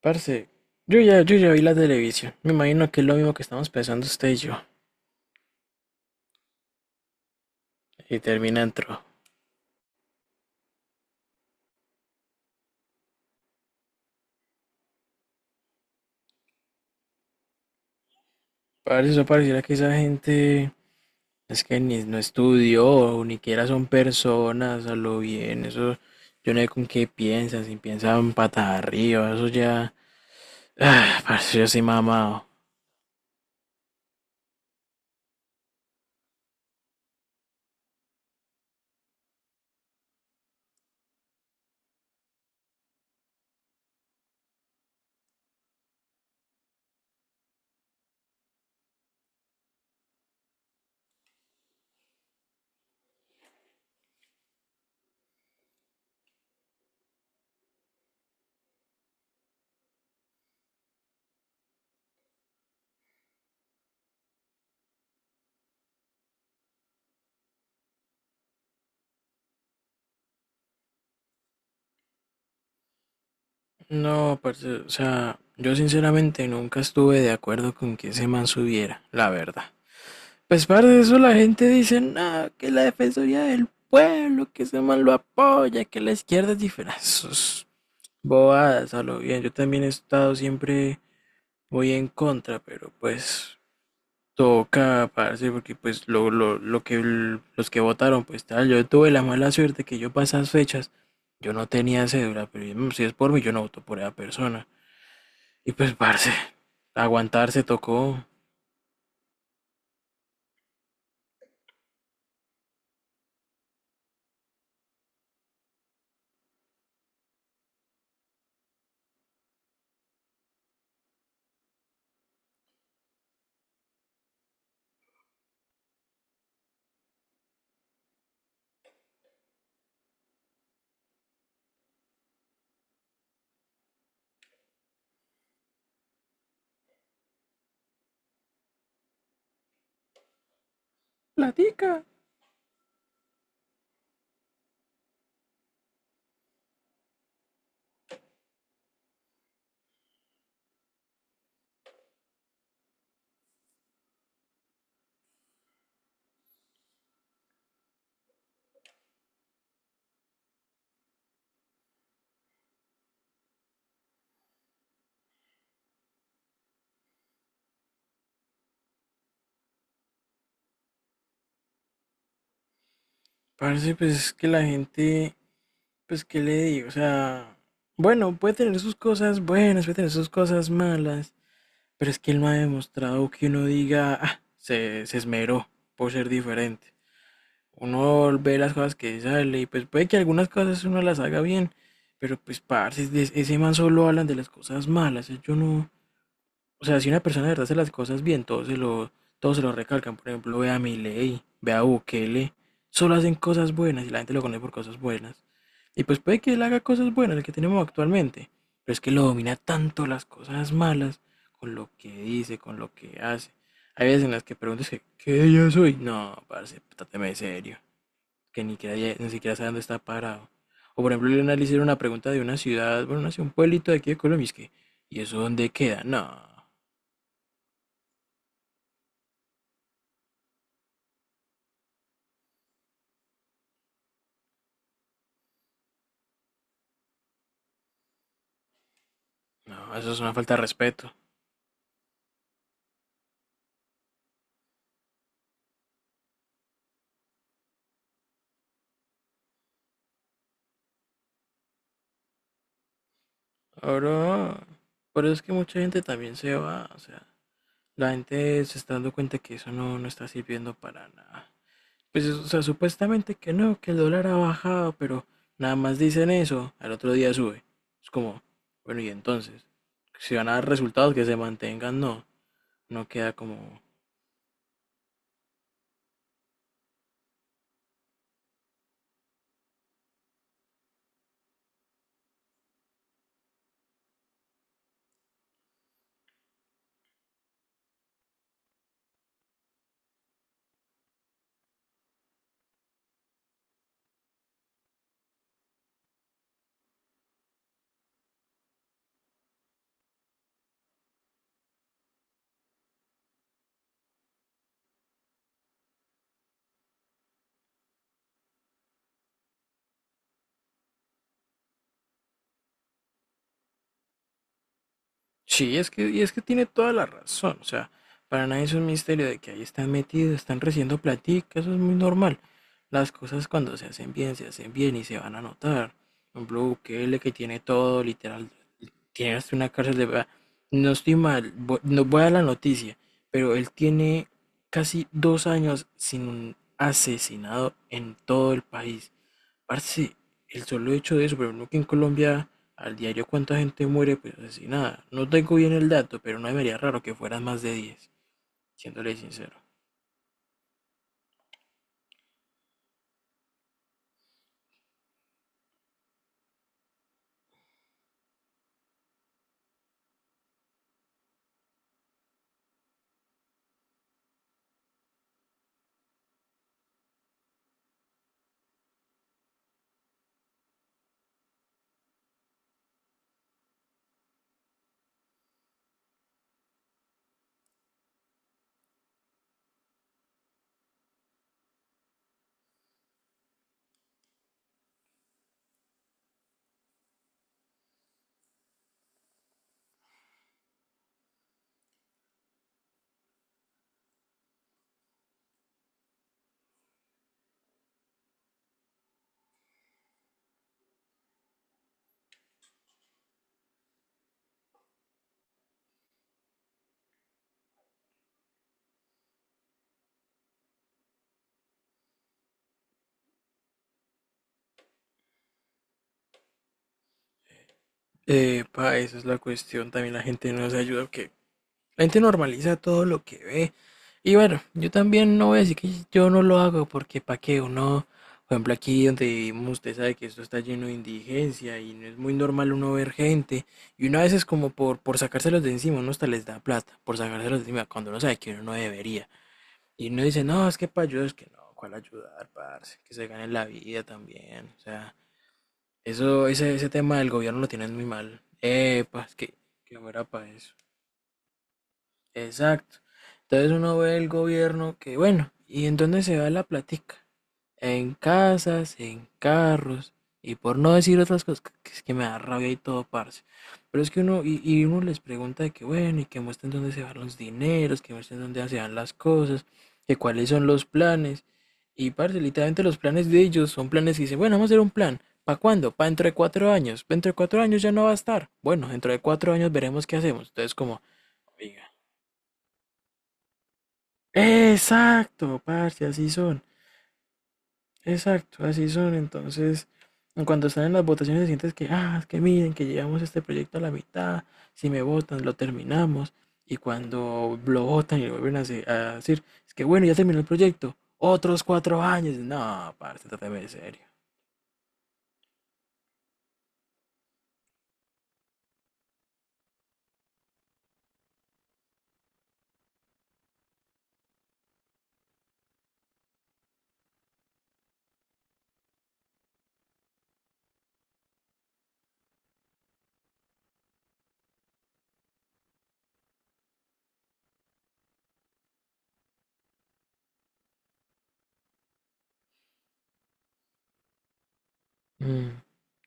Parce, yo ya vi la televisión. Me imagino que es lo mismo que estamos pensando usted y yo. Y termina entró. Parce, eso pareciera que esa gente es que ni no estudió, ni siquiera son personas, a lo bien. Eso, yo no sé con qué piensan, si piensan patas arriba, eso ya. Ah, parce, yo soy mamado. No, parce, o sea, yo sinceramente nunca estuve de acuerdo con que ese man subiera, la verdad. Pues par de eso la gente dice, no, que la Defensoría del Pueblo, que ese man lo apoya, que la izquierda es diferente. Ah, sus bobadas, a lo bien. Yo también he estado siempre muy en contra, pero pues toca, parce, porque pues lo que los que votaron, pues tal, yo tuve la mala suerte que yo para esas fechas, yo no tenía cédula, pero si es por mí, yo no voto por esa persona. Y pues, parce, aguantarse tocó. Platica. Parce, pues es que la gente pues, ¿qué le digo? O sea, bueno, puede tener sus cosas buenas, puede tener sus cosas malas, pero es que él no ha demostrado que uno diga, ah, se esmeró por ser diferente. Uno ve las cosas que sale y pues puede que algunas cosas uno las haga bien, pero pues, parce, es ese man solo hablan de las cosas malas, yo no, o sea, si una persona de verdad hace las cosas bien, todos se lo recalcan. Por ejemplo, ve a Milei, ve a Bukele. Solo hacen cosas buenas y la gente lo conoce por cosas buenas. Y pues puede que él haga cosas buenas, el que tenemos actualmente. Pero es que lo domina tanto las cosas malas, con lo que dice, con lo que hace. Hay veces en las que preguntas que, ¿qué yo soy? No, parce, tráteme de serio. Que ni siquiera sabe dónde está parado. O por ejemplo, le analicé una pregunta de una ciudad, bueno, no sé, un pueblito de aquí de Colombia, y es que, ¿y eso dónde queda? No. No, eso es una falta de respeto. Ahora, pero es que mucha gente también se va, o sea, la gente se está dando cuenta que eso no está sirviendo para nada. Pues, o sea, supuestamente que no, que el dólar ha bajado, pero nada más dicen eso, al otro día sube. Es como, bueno, y entonces, si van a dar resultados que se mantengan, no queda como, sí, es que, y es que tiene toda la razón. O sea, para nadie es un misterio de que ahí están metidos, están recibiendo platica, eso es muy normal. Las cosas cuando se hacen bien y se van a notar. Por ejemplo, Bukele que tiene todo, literal, tiene hasta una cárcel de verdad. No estoy mal, no voy a la noticia, pero él tiene casi dos años sin un asesinado en todo el país. Parce, el solo hecho de eso, pero no que en Colombia al diario cuánta gente muere, pues asesinada. No tengo bien el dato, pero no me haría raro que fueran más de 10, siéndole sincero. Pa, esa es la cuestión, también la gente no se ayuda, que la gente normaliza todo lo que ve. Y bueno, yo también no voy a decir que yo no lo hago porque para qué uno, por ejemplo, aquí donde vivimos, usted sabe que esto está lleno de indigencia y no es muy normal uno ver gente. Y uno a veces como por sacárselos de encima, uno hasta les da plata por sacárselos de encima cuando uno sabe que uno no debería. Y uno dice, no, es que para ayudar, es que no, ¿cuál ayudar, parce? Que se gane la vida también. O sea, eso, ese tema del gobierno lo tienen muy mal. Epa, que muera para eso. Exacto. Entonces uno ve el gobierno que, bueno, ¿y en dónde se va la platica? En casas, en carros, y por no decir otras cosas, que es que me da rabia y todo, parce. Pero es que uno, y uno les pregunta de que, bueno, y que muestren dónde se van los dineros, que muestren dónde se van las cosas, que cuáles son los planes. Y, parce, literalmente los planes de ellos son planes que dicen, bueno, vamos a hacer un plan. ¿Para cuándo? Para dentro de cuatro años. Dentro de cuatro años ya no va a estar. Bueno, dentro de cuatro años veremos qué hacemos. Entonces, como, oiga. Exacto, parce, así son. Exacto, así son. Entonces, en cuanto están en las votaciones, sientes que, ah, es que miren, que llevamos este proyecto a la mitad, si me votan, lo terminamos. Y cuando lo votan y lo vuelven a decir, es que bueno, ya terminó el proyecto, otros cuatro años. No, parce, trátame de serio. Mm.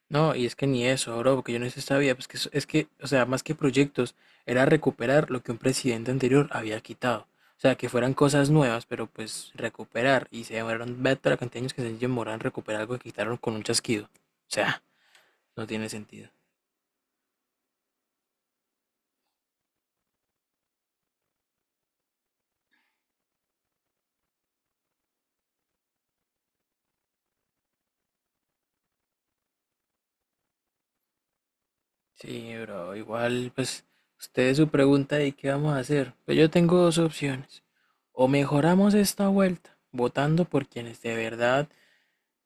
No, y es que ni eso, bro, porque yo no sé si sabía, pues que es que, o sea, más que proyectos, era recuperar lo que un presidente anterior había quitado. O sea, que fueran cosas nuevas, pero pues recuperar. Y se demoraron, ve toda la cantidad de años que se demoraron en recuperar algo que quitaron con un chasquido. O sea, no tiene sentido. Sí, bro, igual, pues, ustedes su pregunta de qué vamos a hacer. Pues yo tengo dos opciones. O mejoramos esta vuelta, votando por quienes de verdad.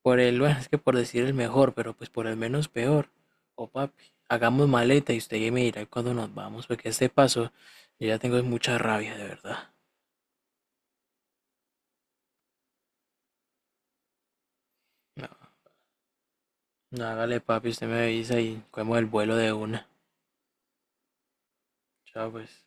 Por el, bueno, es que por decir el mejor, pero pues por el menos peor. O papi, hagamos maleta y usted ya me dirá cuándo nos vamos, porque a este paso yo ya tengo mucha rabia, de verdad. No, no, hágale, papi, usted me avisa y cogemos el vuelo de una. Chao, pues.